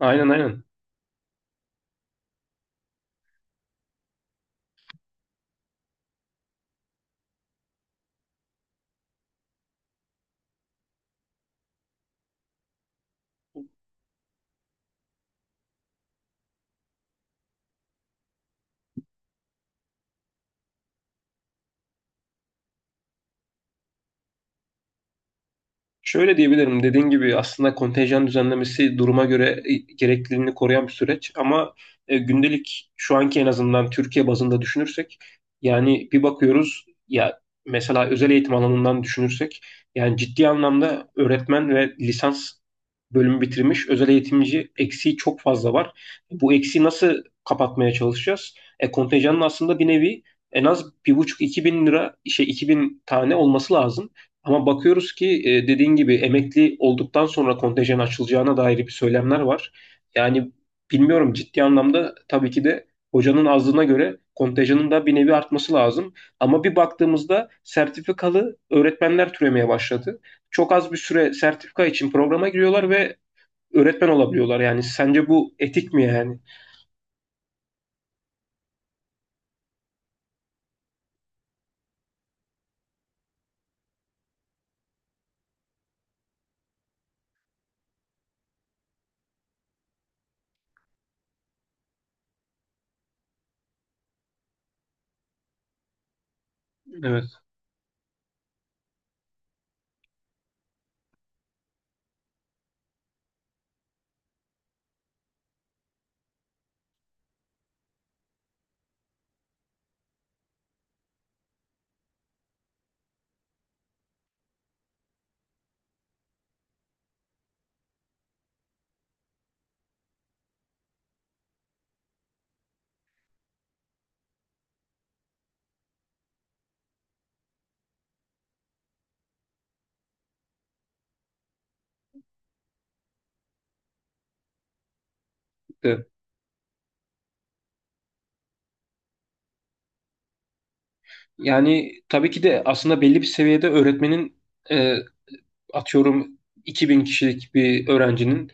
Aynen aynen. Şöyle diyebilirim. Dediğin gibi aslında kontenjan düzenlemesi duruma göre gerekliliğini koruyan bir süreç ama gündelik şu anki en azından Türkiye bazında düşünürsek yani bir bakıyoruz ya mesela özel eğitim alanından düşünürsek yani ciddi anlamda öğretmen ve lisans bölümü bitirmiş özel eğitimci eksiği çok fazla var. Bu eksiği nasıl kapatmaya çalışacağız? Kontenjanın aslında bir nevi en az 1,5 2.000 lira şey 2.000 tane olması lazım. Ama bakıyoruz ki dediğin gibi emekli olduktan sonra kontenjan açılacağına dair bir söylemler var. Yani bilmiyorum ciddi anlamda tabii ki de hocanın azlığına göre kontenjanın da bir nevi artması lazım. Ama bir baktığımızda sertifikalı öğretmenler türemeye başladı. Çok az bir süre sertifika için programa giriyorlar ve öğretmen olabiliyorlar. Yani sence bu etik mi yani? Evet. Evet. Yani tabii ki de aslında belli bir seviyede öğretmenin e, atıyorum 2000 kişilik bir öğrencinin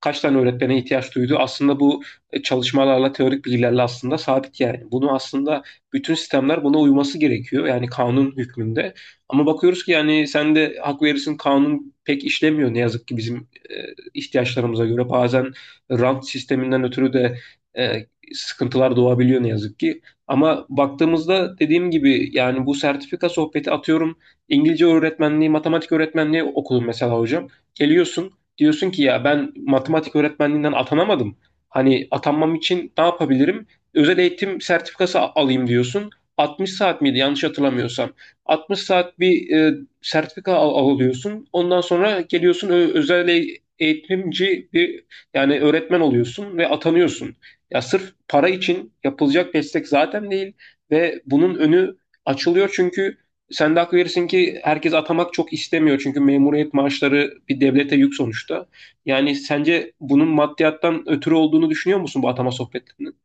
kaç tane öğretmene ihtiyaç duydu. Aslında bu çalışmalarla, teorik bilgilerle aslında sabit yani. Bunu aslında bütün sistemler buna uyması gerekiyor. Yani kanun hükmünde. Ama bakıyoruz ki yani sen de hak verirsin kanun pek işlemiyor ne yazık ki bizim e, ihtiyaçlarımıza göre. Bazen rant sisteminden ötürü de e, sıkıntılar doğabiliyor ne yazık ki. Ama baktığımızda dediğim gibi yani bu sertifika sohbeti atıyorum İngilizce öğretmenliği, matematik öğretmenliği okudum mesela hocam. Geliyorsun diyorsun ki ya ben matematik öğretmenliğinden atanamadım. Hani atanmam için ne yapabilirim? Özel eğitim sertifikası alayım diyorsun. 60 saat miydi yanlış hatırlamıyorsam. 60 saat bir sertifika alıyorsun. Ondan sonra geliyorsun özel eğitimci bir yani öğretmen oluyorsun ve atanıyorsun. Ya sırf para için yapılacak destek zaten değil ve bunun önü açılıyor çünkü sen de hak verirsin ki herkes atamak çok istemiyor. Çünkü memuriyet maaşları bir devlete yük sonuçta. Yani sence bunun maddiyattan ötürü olduğunu düşünüyor musun bu atama sohbetlerinin?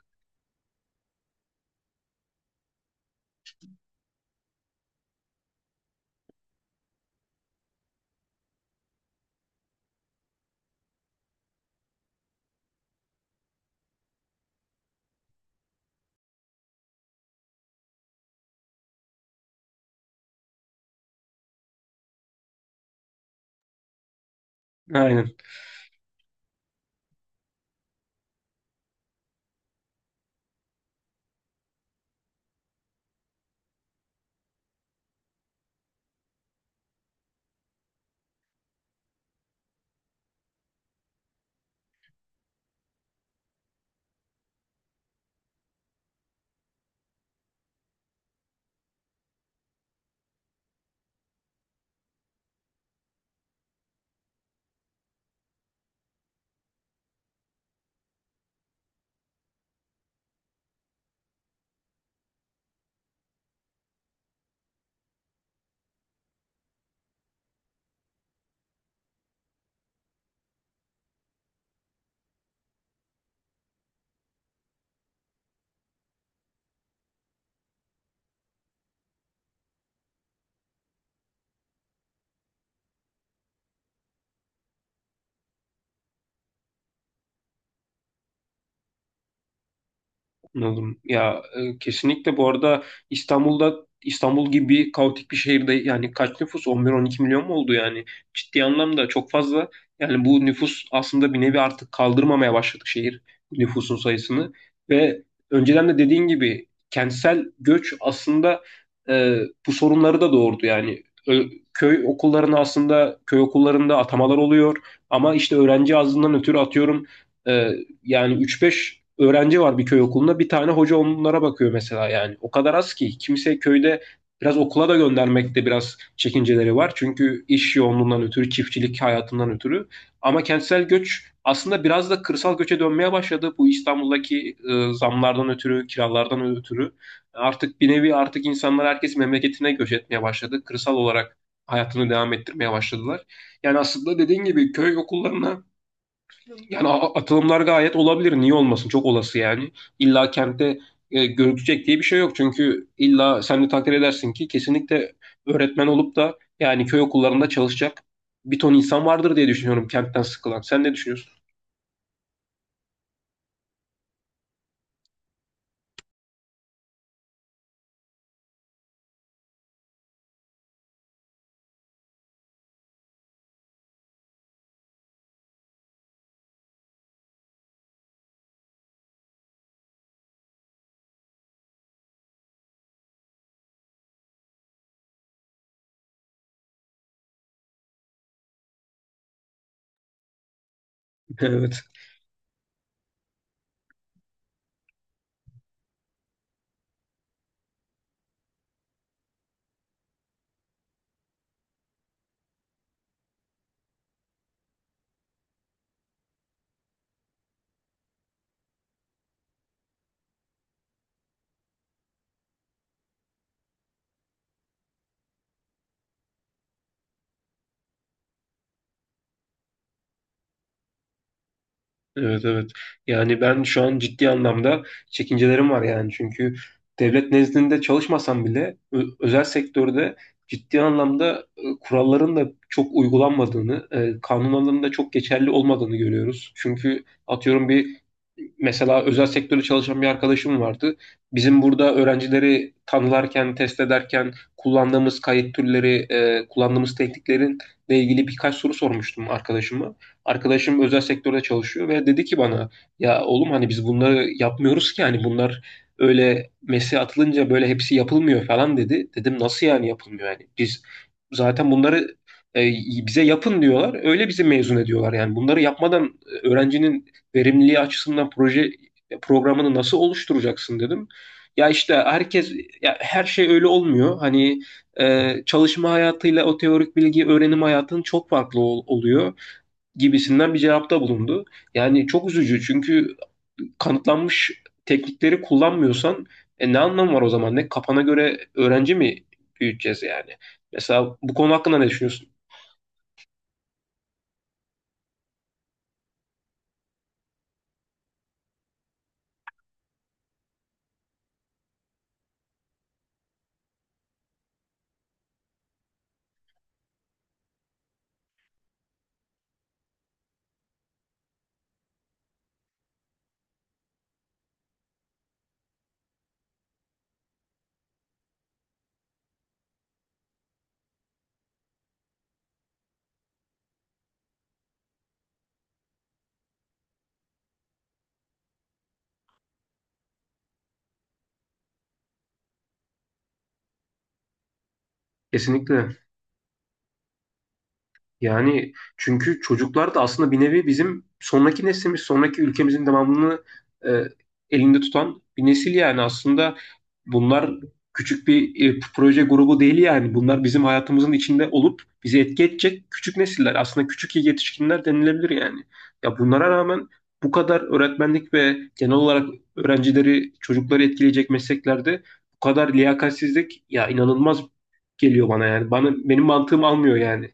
Aynen. Anladım. Ya kesinlikle bu arada İstanbul'da İstanbul gibi kaotik bir şehirde yani kaç nüfus? 11-12 milyon mu oldu yani? Ciddi anlamda çok fazla. Yani bu nüfus aslında bir nevi artık kaldırmamaya başladık şehir nüfusun sayısını. Ve önceden de dediğin gibi kentsel göç aslında e, bu sorunları da doğurdu. Yani köy okullarına aslında köy okullarında atamalar oluyor. Ama işte öğrenci azlığından ötürü atıyorum e, yani 3-5 öğrenci var bir köy okulunda. Bir tane hoca onlara bakıyor mesela yani. O kadar az ki. Kimse köyde biraz okula da göndermekte biraz çekinceleri var. Çünkü iş yoğunluğundan ötürü, çiftçilik hayatından ötürü. Ama kentsel göç aslında biraz da kırsal göçe dönmeye başladı. Bu İstanbul'daki zamlardan ötürü, kiralardan ötürü. Artık bir nevi artık insanlar herkes memleketine göç etmeye başladı. Kırsal olarak hayatını devam ettirmeye başladılar. Yani aslında dediğin gibi köy okullarına yani atılımlar gayet olabilir. Niye olmasın? Çok olası yani. İlla kentte gözükecek diye bir şey yok. Çünkü illa sen de takdir edersin ki kesinlikle öğretmen olup da yani köy okullarında çalışacak bir ton insan vardır diye düşünüyorum kentten sıkılan. Sen ne düşünüyorsun? Evet. Evet evet. Yani ben şu an ciddi anlamda çekincelerim var yani. Çünkü devlet nezdinde çalışmasam bile özel sektörde ciddi anlamda kuralların da çok uygulanmadığını, kanunların da çok geçerli olmadığını görüyoruz. Çünkü atıyorum bir mesela özel sektörde çalışan bir arkadaşım vardı. Bizim burada öğrencileri tanılarken, test ederken kullandığımız kayıt türleri, kullandığımız tekniklerin ile ilgili birkaç soru sormuştum arkadaşıma. Arkadaşım özel sektörde çalışıyor ve dedi ki bana ya oğlum hani biz bunları yapmıyoruz ki hani bunlar öyle mesleğe atılınca böyle hepsi yapılmıyor falan dedi. Dedim nasıl yani yapılmıyor yani biz zaten bunları e, bize yapın diyorlar öyle bizi mezun ediyorlar yani bunları yapmadan öğrencinin verimliliği açısından proje programını nasıl oluşturacaksın dedim. Ya işte herkes ya her şey öyle olmuyor. Hani çalışma hayatıyla o teorik bilgi öğrenim hayatının çok farklı oluyor gibisinden bir cevapta bulundu. Yani çok üzücü çünkü kanıtlanmış teknikleri kullanmıyorsan ne anlamı var o zaman? Ne kafana göre öğrenci mi büyüteceğiz yani? Mesela bu konu hakkında ne düşünüyorsun? Kesinlikle. Yani çünkü çocuklar da aslında bir nevi bizim sonraki neslimiz, sonraki ülkemizin devamını e, elinde tutan bir nesil yani aslında bunlar küçük bir proje grubu değil yani. Bunlar bizim hayatımızın içinde olup bizi etki edecek küçük nesiller. Aslında küçük yetişkinler denilebilir yani. Ya bunlara rağmen bu kadar öğretmenlik ve genel olarak öğrencileri, çocukları etkileyecek mesleklerde bu kadar liyakatsizlik ya inanılmaz geliyor bana yani. Bana benim mantığım almıyor yani.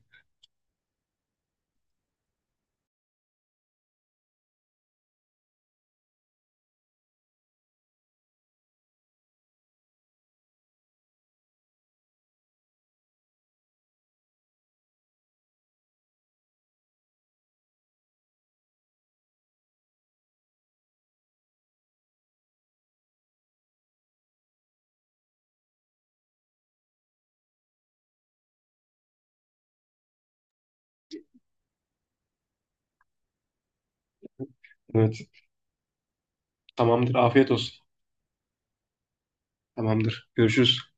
Evet. Tamamdır. Afiyet olsun. Tamamdır. Görüşürüz.